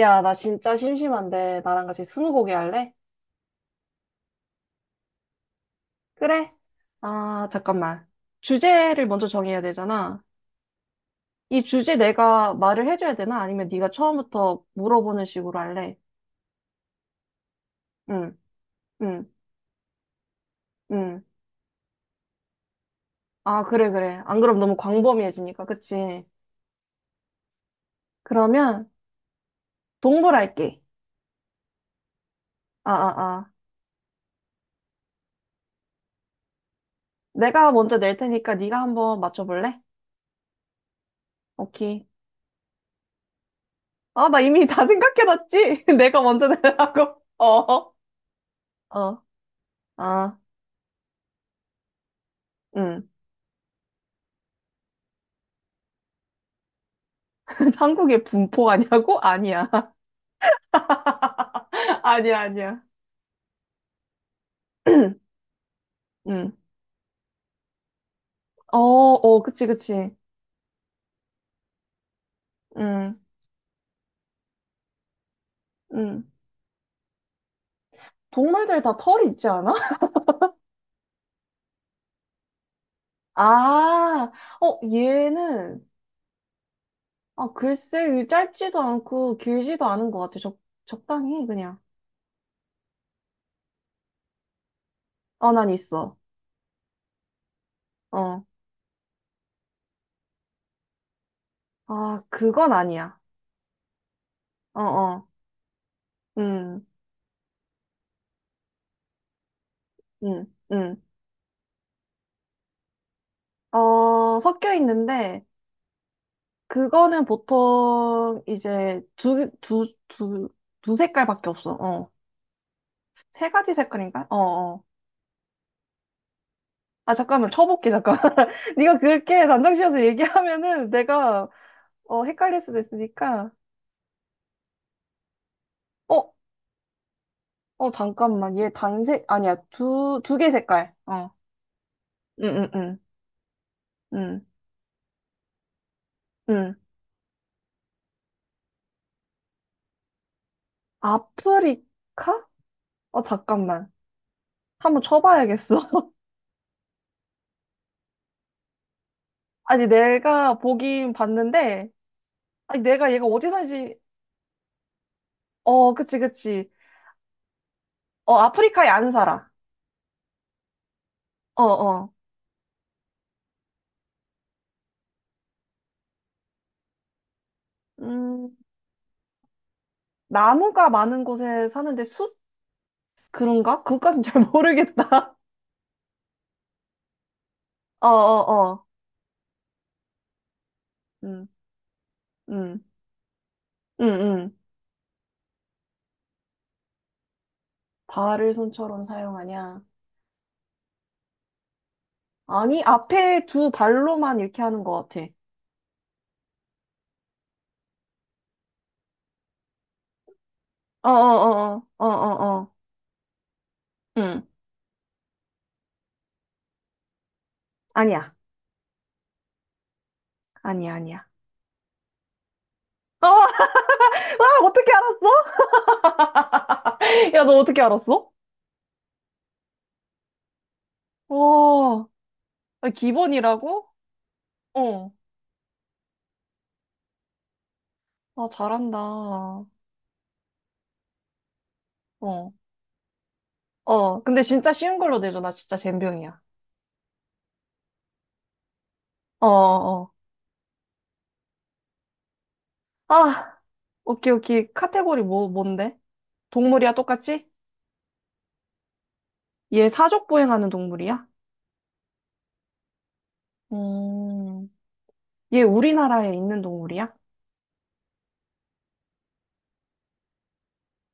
야, 나 진짜 심심한데 나랑 같이 스무고개 할래? 그래? 아, 잠깐만. 주제를 먼저 정해야 되잖아. 이 주제 내가 말을 해줘야 되나? 아니면 네가 처음부터 물어보는 식으로 할래? 응, 응, 응. 아, 그래, 그래. 안 그럼 너무 광범위해지니까, 그치? 그러면 동물 할게. 아, 아, 아. 내가 먼저 낼 테니까 네가 한번 맞춰볼래? 오케이. 아, 나 이미 다 생각해놨지? 내가 먼저 내라고. 어, 어, 아, 응. 한국의 분포가냐고? 아니야. 아니야, 아니야. 음. 어, 어, 그치, 그치. 음, 음. 동물들 다 털이 있지 않아? 아, 어, 얘는, 아, 글쎄, 이게 짧지도 않고 길지도 않은 것 같아. 적, 적당히, 그냥. 어, 난 있어. 어. 아, 그건 아니야. 어, 어. 음, 음, 음. 어, 섞여 있는데, 그거는 보통 이제 두 색깔밖에 없어. 어. 세 가지 색깔인가? 어, 어. 아, 잠깐만. 쳐볼게, 잠깐만. 네가 그렇게 단정지어서 얘기하면은 내가 어, 헷갈릴 수도 있으니까. 어, 어, 잠깐만. 얘 단색, 아니야. 두 개 색깔. 어. 응, 응, 응. 응, 응. 아프리카? 어, 잠깐만. 한번 쳐봐야겠어. 아니, 내가 보긴 봤는데, 아니, 내가 얘가 어디 사는지, 어, 그치, 그치. 어, 아프리카에 안 살아. 어, 어. 음, 나무가 많은 곳에 사는데 숲? 그런가? 그것까진 잘 모르겠다. 어, 어, 어. 음, 음, 음, 음. 발을 손처럼 사용하냐? 아니, 앞에 두 발로만 이렇게 하는 것 같아. 어, 어, 어, 어, 어, 어, 어. 음, 아니야. 아니야, 아니야. 어, 와, 어떻게 알았어? 야, 너 어떻게 알았어? 와, 기본이라고? 어, 아, 잘한다. 어. 어, 근데 진짜 쉬운 걸로 내줘. 나 진짜 젬병이야. 어, 어. 아, 오케이, 오케이. 카테고리 뭔데? 동물이야, 똑같이? 얘 사족 보행하는 동물이야? 음, 얘 우리나라에 있는 동물이야?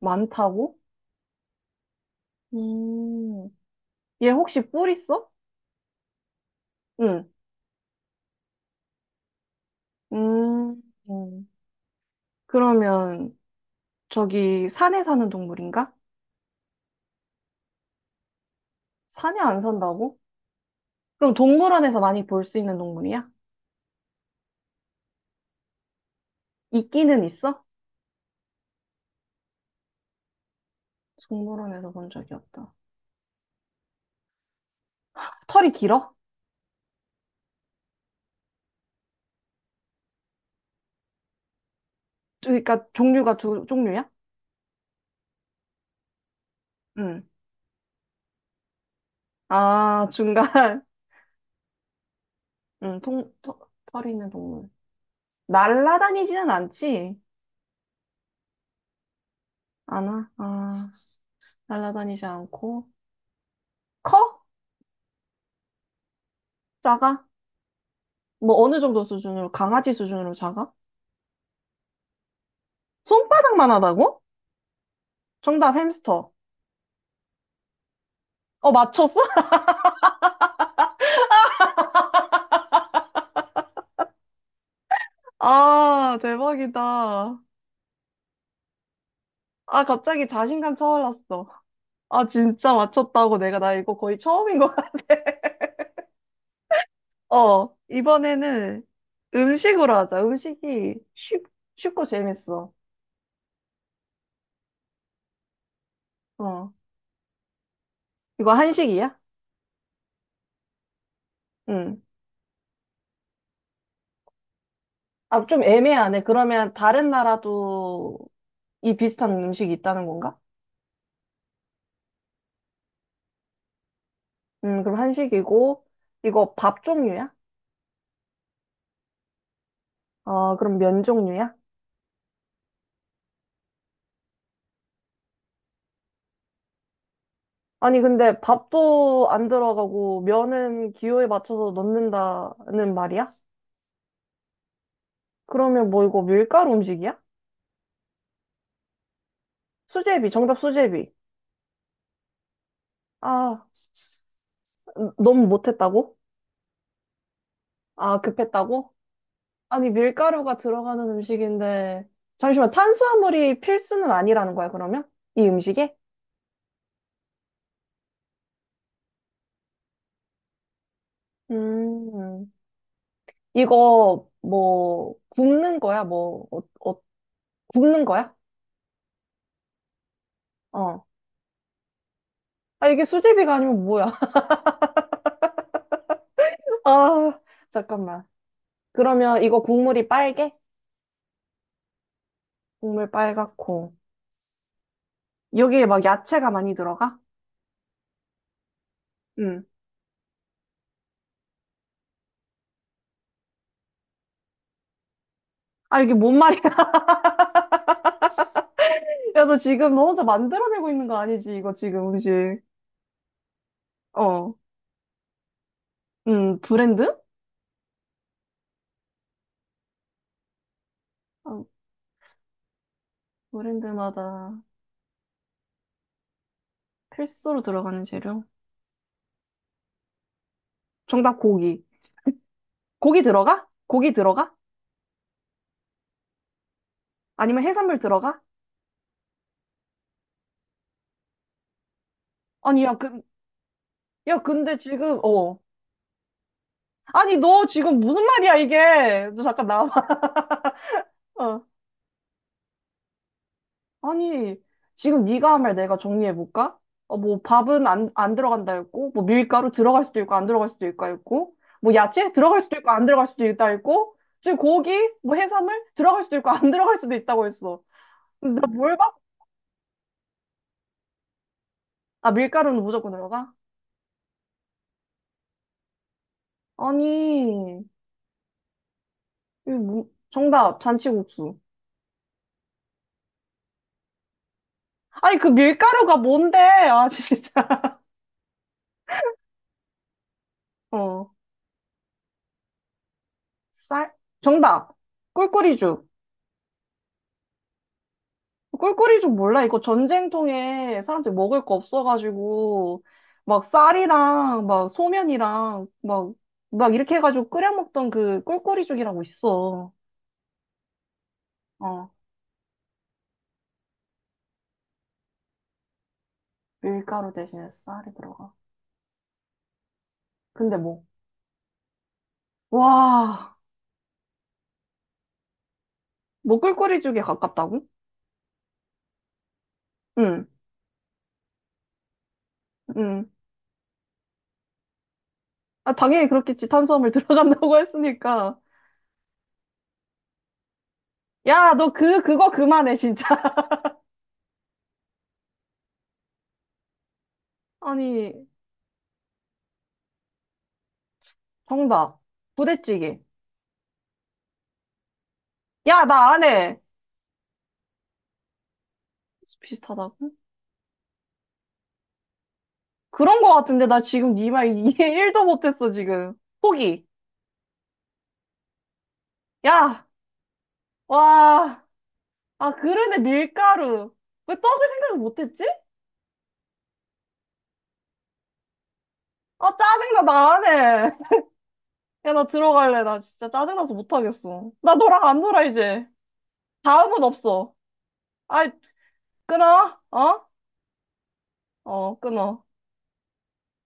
많다고? 음, 얘 혹시 뿔 있어? 응. 음, 음. 그러면 저기 산에 사는 동물인가? 산에 안 산다고? 그럼 동물원에서 많이 볼 수 있는 동물이야? 있기는 있어? 동물원에서 본 적이 없다. 털이 길어? 그러니까 종류가 두 종류야? 응. 아, 중간. 응, 통, 터, 털이 있는 동물. 날라다니지는 않지? 않아? 아, 날라다니지 않고. 커? 작아? 뭐 어느 정도 수준으로? 강아지 수준으로 작아? 손바닥만 하다고? 정답 햄스터. 어, 맞췄어? 아, 대박이다. 아, 갑자기 자신감 차올랐어. 아, 진짜 맞췄다고 내가 나 이거 거의 처음인 거 어, 이번에는 음식으로 하자. 음식이 쉽, 쉽고 재밌어. 어, 이거 한식이야? 응. 아, 좀 애매하네. 그러면 다른 나라도 이 비슷한 음식이 있다는 건가? 그럼 한식이고, 이거 밥 종류야? 아, 그럼 면 종류야? 아니, 근데 밥도 안 들어가고, 면은 기호에 맞춰서 넣는다는 말이야? 그러면 뭐 이거 밀가루 음식이야? 수제비, 정답 수제비. 아, 너무 못했다고? 아, 급했다고? 아니, 밀가루가 들어가는 음식인데, 잠시만, 탄수화물이 필수는 아니라는 거야, 그러면? 이 음식에? 음, 이거, 뭐, 굽는 거야? 뭐, 어, 어, 굽는 거야? 어. 아, 이게 수제비가 아니면 뭐야? 아, 잠깐만. 그러면 이거 국물이 빨개? 국물 빨갛고. 여기에 막 야채가 많이 들어가? 응. 아, 이게 뭔 말이야? 야, 너 지금 너 혼자 만들어내고 있는 거 아니지? 이거 지금 음식. 어. 브랜드? 어, 브랜드마다. 필수로 들어가는 재료? 정답 고기. 고기 들어가? 고기 들어가? 아니면 해산물 들어가? 아니, 야, 근, 야, 근데 지금, 어. 아니, 너 지금 무슨 말이야, 이게? 너 잠깐 나와. 어. 아니, 지금 네가 한 말 내가 정리해볼까? 어, 뭐, 밥은 안 들어간다 했고, 뭐, 밀가루 들어갈 수도 있고, 안 들어갈 수도 있고, 했고, 뭐, 야채 들어갈 수도 있고, 안 들어갈 수도 있다 했고, 지금 고기, 뭐, 해산물 들어갈 수도 있고, 안 들어갈 수도 있다고 했어. 나 뭘 봐? 아, 밀가루는 무조건 들어가? 아니. 이거 뭐- 정답, 잔치국수. 아니, 그 밀가루가 뭔데? 아, 진짜. 어. 쌀? 정답. 꿀꿀이죽. 꿀꿀이죽 몰라. 이거 전쟁통에 사람들이 먹을 거 없어가지고, 막 쌀이랑, 막 소면이랑, 막, 막 이렇게 해가지고 끓여 먹던 그 꿀꿀이죽이라고 있어. 어. 밀가루 대신에 쌀이 들어가. 근데 뭐. 와. 뭐 꿀꿀이죽에 가깝다고? 응, 응. 아, 당연히 그렇겠지. 탄수화물 들어간다고 했으니까. 야, 너 그거 그만해, 진짜. 아니, 정답. 부대찌개. 야, 나 안 해. 비슷하다고? 그런 거 같은데, 나 지금 네 말 이해 1도 못했어, 지금. 포기. 야, 와. 아, 그러네, 밀가루. 왜 떡을 생각을 못했지? 아, 짜증나, 나 안 해. 야, 나 들어갈래. 나 진짜 짜증나서 못하겠어. 나 너랑 안 놀아, 이제. 다음은 없어. 아이, 끊어. 어? 어, 끊어.